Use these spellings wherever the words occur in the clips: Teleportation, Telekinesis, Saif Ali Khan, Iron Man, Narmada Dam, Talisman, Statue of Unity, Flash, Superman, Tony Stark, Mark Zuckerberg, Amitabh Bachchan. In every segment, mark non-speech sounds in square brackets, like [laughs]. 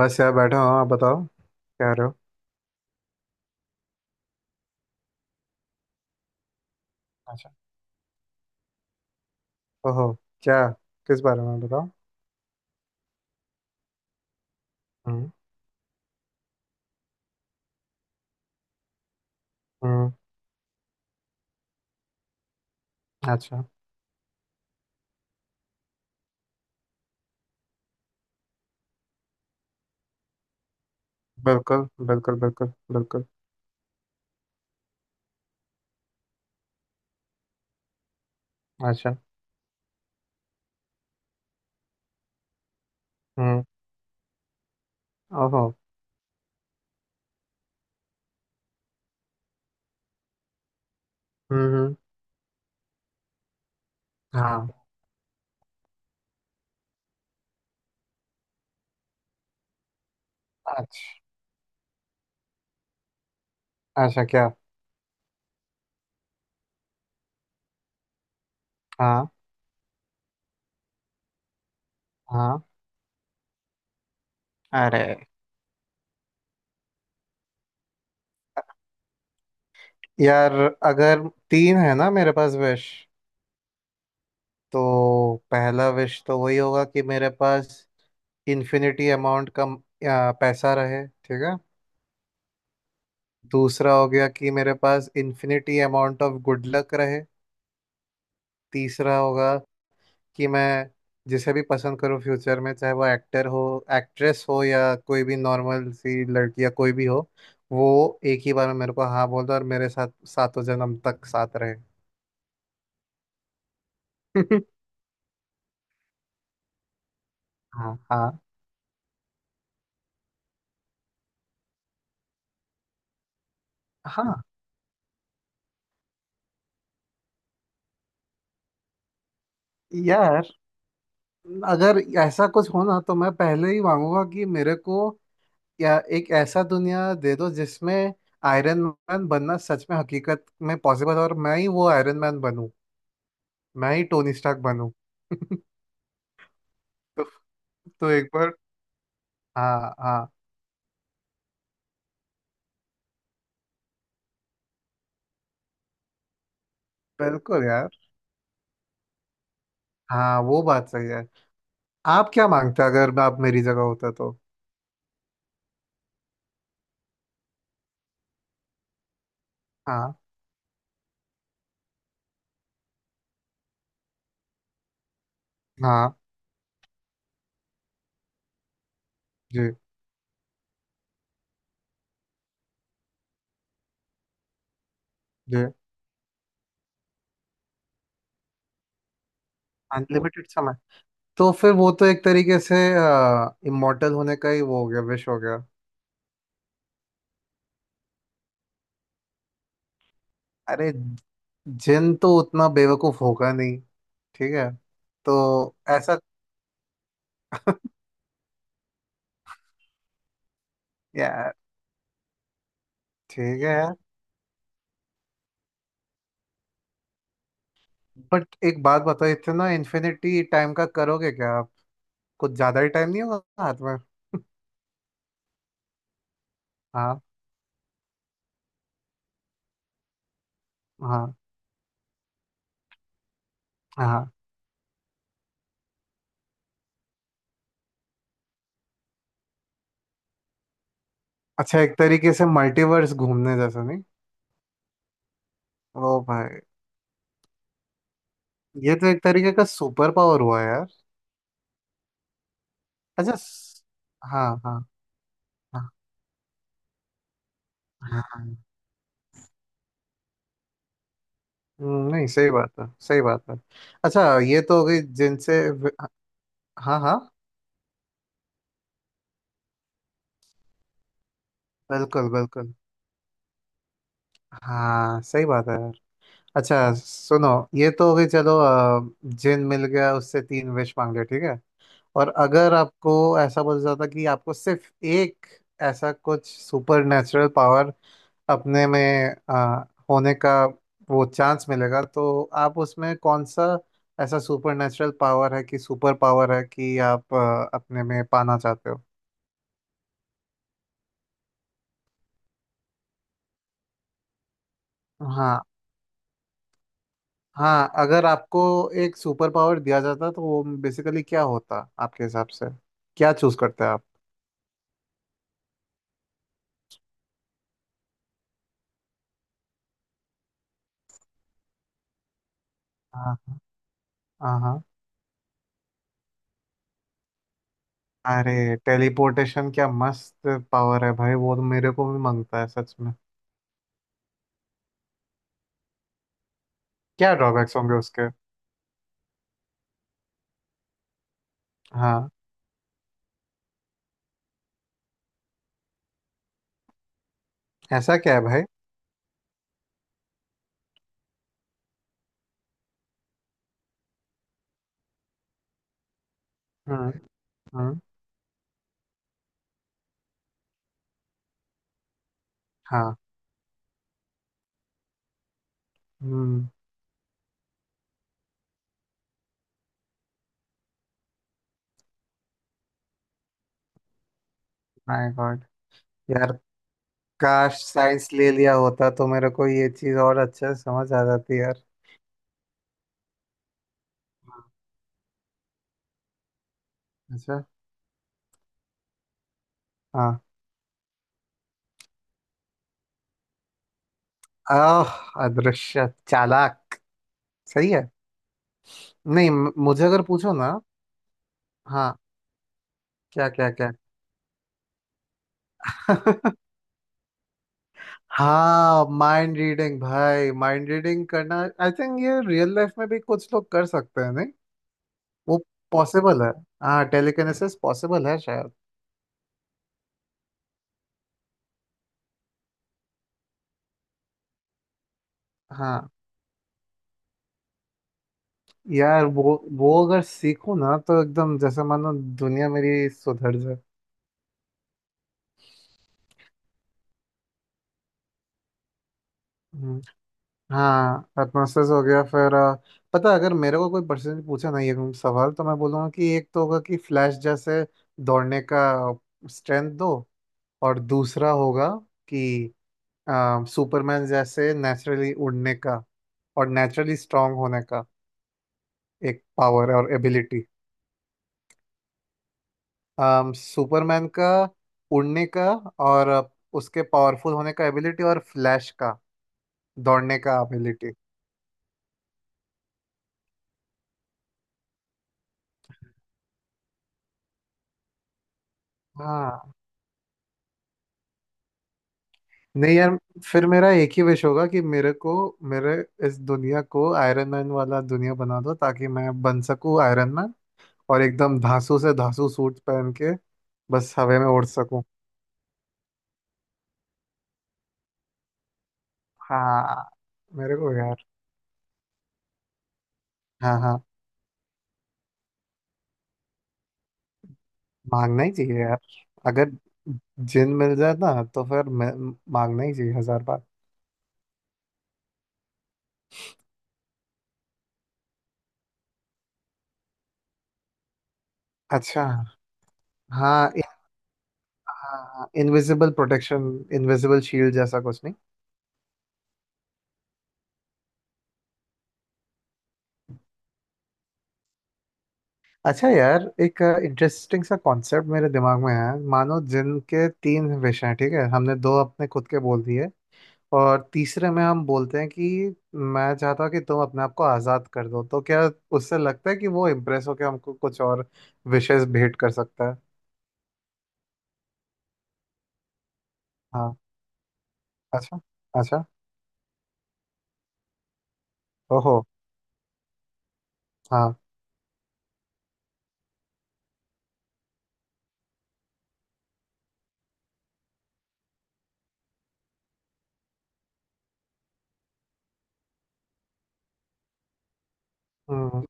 बस यार बैठा हूँ। आप बताओ क्या रहे हो। अच्छा। ओहो। क्या? किस बारे में बताओ। हम्म। हम्म। अच्छा। बिल्कुल बिल्कुल बिल्कुल। बिल्कुल। अच्छा। हम्म। ओहो। हम्म, हाँ। अच्छा। अच्छा क्या? हाँ हाँ। अरे। यार अगर तीन है ना मेरे पास विश, तो पहला विश तो वही होगा कि मेरे पास इन्फिनिटी अमाउंट का पैसा रहे, ठीक है। दूसरा हो गया कि मेरे पास infinity amount of good luck रहे। तीसरा होगा कि मैं जिसे भी पसंद करूँ फ्यूचर में, चाहे वो एक्टर हो, एक्ट्रेस हो, या कोई भी नॉर्मल सी लड़की या कोई भी हो, वो एक ही बार में मेरे को हाँ बोल दो और मेरे साथ सातों जन्म तक साथ रहे। [laughs] हाँ हाँ। हाँ यार, अगर ऐसा कुछ हो ना तो मैं पहले ही मांगूंगा कि मेरे को या एक ऐसा दुनिया दे दो जिसमें आयरन मैन बनना सच में हकीकत में पॉसिबल हो और मैं ही वो आयरन मैन बनूं। मैं ही टोनी स्टार्क बनूं। [laughs] तो, तो एक बार। हाँ हाँ। बिल्कुल यार। हाँ वो बात सही है। आप क्या मांगते अगर मैं आप मेरी जगह होता तो? हाँ हाँ। जी। जी। अनलिमिटेड समय। तो फिर वो तो एक तरीके से इमोर्टल होने का ही वो हो गया, विश हो गया। अरे, जिन तो उतना बेवकूफ होगा नहीं। ठीक है। तो ऐसा। यार ठीक है यार। बट एक बात बताओ, इतना इन्फिनिटी टाइम का करोगे क्या आप? कुछ ज्यादा ही टाइम नहीं होगा हाथ में? हाँ हाँ हाँ। अच्छा, एक तरीके से मल्टीवर्स घूमने जैसा, नहीं? ओ भाई। ये तो एक तरीके का सुपर पावर हुआ यार। अच्छा हाँ हाँ। हाँ हाँ। नहीं, सही बात है, सही बात है। अच्छा, ये तो हो गई जिनसे हाँ हाँ। बिल्कुल बिल्कुल। हाँ सही बात है यार। अच्छा सुनो, ये तो हो गई, चलो। जिन मिल गया, उससे तीन विश मांग लिया, ठीक है। और अगर आपको ऐसा बोला जाता कि आपको सिर्फ एक ऐसा कुछ सुपर नेचुरल पावर अपने में होने का वो चांस मिलेगा, तो आप उसमें कौन सा ऐसा सुपर नेचुरल पावर है कि सुपर पावर है कि आप अपने में पाना चाहते हो? हाँ हाँ। अगर आपको एक सुपर पावर दिया जाता तो वो बेसिकली क्या होता आपके हिसाब से? क्या चूज करते आप? हाँ हाँ हाँ। अरे टेलीपोर्टेशन क्या मस्त पावर है भाई, वो तो मेरे को भी मांगता है सच में। क्या ड्रॉबैक्स होंगे उसके? हाँ। ऐसा क्या है भाई? हम्म। हम्म। हाँ। हम्म। My god. यार काश साइंस ले लिया होता तो मेरे को ये चीज और अच्छे से समझ आ जाती यार। अच्छा। हाँ। आह, अदृश्य चालाक। सही है। नहीं मुझे अगर पूछो ना। हाँ। क्या क्या क्या? [laughs] हाँ, माइंड रीडिंग भाई, माइंड रीडिंग करना। आई थिंक ये रियल लाइफ में भी कुछ लोग कर सकते हैं, नहीं? वो पॉसिबल है। हाँ टेलीकिनेसिस पॉसिबल है शायद। हाँ यार, वो अगर सीखूं ना तो एकदम जैसे मानो दुनिया मेरी सुधर जाए। हम्म, हाँ एटमोसफेयर हो गया फिर पता है, अगर मेरे को कोई पर्सन पूछे ना ये सवाल तो मैं बोलूँगा कि एक तो होगा कि फ्लैश जैसे दौड़ने का स्ट्रेंथ दो। और दूसरा होगा कि सुपरमैन जैसे नेचुरली उड़ने का और नेचुरली स्ट्रांग होने का, एक पावर और एबिलिटी। सुपरमैन का उड़ने का और उसके पावरफुल होने का एबिलिटी और फ्लैश का दौड़ने का एबिलिटी। हाँ। नहीं यार, फिर मेरा एक ही विश होगा कि मेरे इस दुनिया को आयरन मैन वाला दुनिया बना दो ताकि मैं बन सकूं आयरन मैन। और एकदम धांसू से धांसू सूट पहन के बस हवा में उड़ सकूं। हाँ मेरे को यार। हाँ हाँ। मांगना ही चाहिए यार। अगर जिन मिल जाए ना तो फिर मांगना ही चाहिए हजार बार। अच्छा। हाँ। Invisible protection. इनविजिबल शील्ड जैसा कुछ, नहीं? अच्छा यार, एक इंटरेस्टिंग सा कॉन्सेप्ट मेरे दिमाग में है। मानो जिनके तीन विश हैं, ठीक है, हमने दो अपने खुद के बोल दिए। और तीसरे में हम बोलते हैं कि मैं चाहता हूँ कि तुम अपने आप को आज़ाद कर दो, तो क्या उससे लगता है कि वो इम्प्रेस होकर हमको कुछ और विशेस भेंट कर सकता है? हाँ। अच्छा। अच्छा। ओहो। हाँ। हम्म।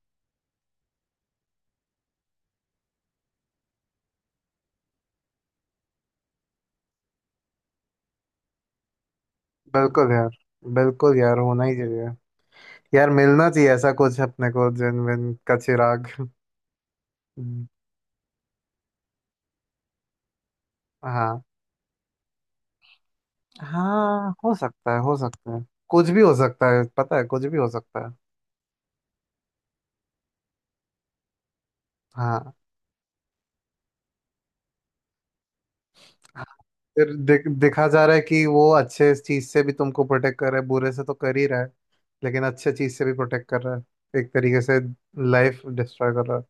बिल्कुल यार। बिल्कुल यार, होना ही चाहिए। यार मिलना चाहिए ऐसा कुछ अपने को, जिन विन का चिराग। हम्म, हाँ। हाँ हो सकता है, हो सकता है। कुछ भी हो सकता है, पता है कुछ भी हो सकता है। हाँ। फिर दिखा जा रहा है कि वो अच्छे चीज से भी तुमको प्रोटेक्ट कर रहा है, बुरे से तो कर ही रहा है। लेकिन अच्छे चीज से भी प्रोटेक्ट कर रहा है, एक तरीके से लाइफ डिस्ट्रॉय कर रहा है।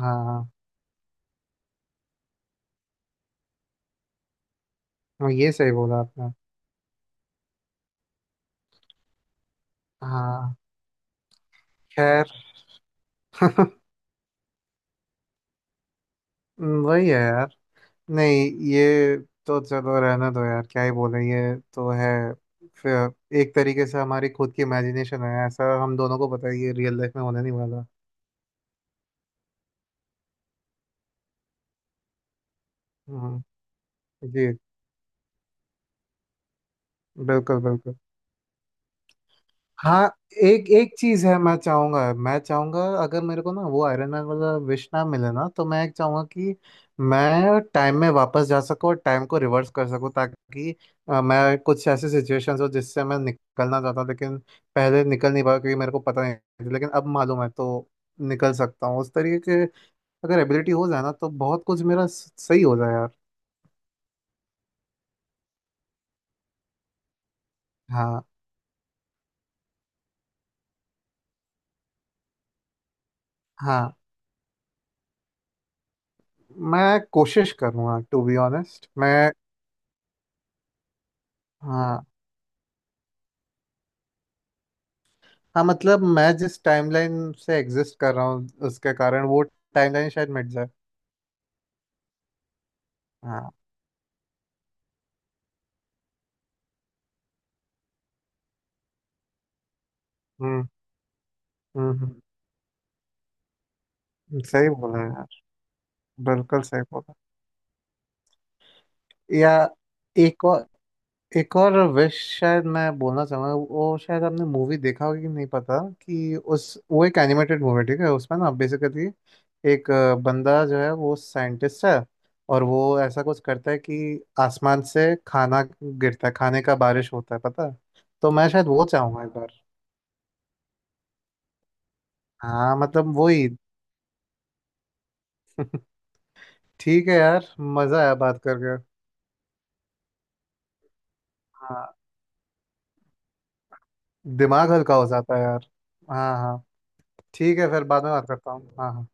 हाँ। हाँ, ये सही बोला आपने। हाँ खैर। [laughs] वही है यार। नहीं, ये तो चलो रहने दो यार, क्या ही बोले, ये तो है। फिर एक तरीके से हमारी खुद की इमेजिनेशन है, ऐसा हम दोनों को पता है, ये रियल लाइफ में होने नहीं वाला। हम्म। जी। बिल्कुल बिल्कुल। हाँ एक एक चीज है। मैं चाहूंगा अगर मेरे को ना वो आयरन मैन वाला विश ना मिले ना तो मैं एक चाहूंगा कि मैं टाइम में वापस जा सकूं और टाइम को रिवर्स कर सकूं, ताकि मैं कुछ ऐसे सिचुएशंस हो जिससे मैं निकलना चाहता हूं। लेकिन पहले निकल नहीं पाया क्योंकि मेरे को पता नहीं था, लेकिन अब मालूम है तो निकल सकता हूँ उस तरीके के। अगर एबिलिटी हो जाए ना तो बहुत कुछ मेरा सही हो जाए यार। हाँ हाँ। मैं कोशिश करूंगा टू बी ऑनेस्ट मैं। हाँ। हाँ मतलब मैं जिस टाइमलाइन से एग्जिस्ट कर रहा हूँ, उसके कारण वो टाइमलाइन शायद मिट जाए। हाँ। हम्म। हम्म, सही बोला यार। बिल्कुल सही बोला। या एक और एक और विश शायद मैं बोलना चाहूंगा। वो शायद आपने मूवी देखा होगा कि नहीं पता, कि उस वो एक एनिमेटेड मूवी, ठीक है, उसमें ना बेसिकली एक बंदा जो है वो साइंटिस्ट है। और वो ऐसा कुछ करता है कि आसमान से खाना गिरता है, खाने का बारिश होता है, पता है। तो मैं शायद वो चाहूंगा। हाँ मतलब वही। ठीक है यार, मजा आया बात करके। हाँ। दिमाग हल्का हो जाता है यार। हाँ हाँ। ठीक है, फिर बाद में बात करता हूँ, हाँ हाँ।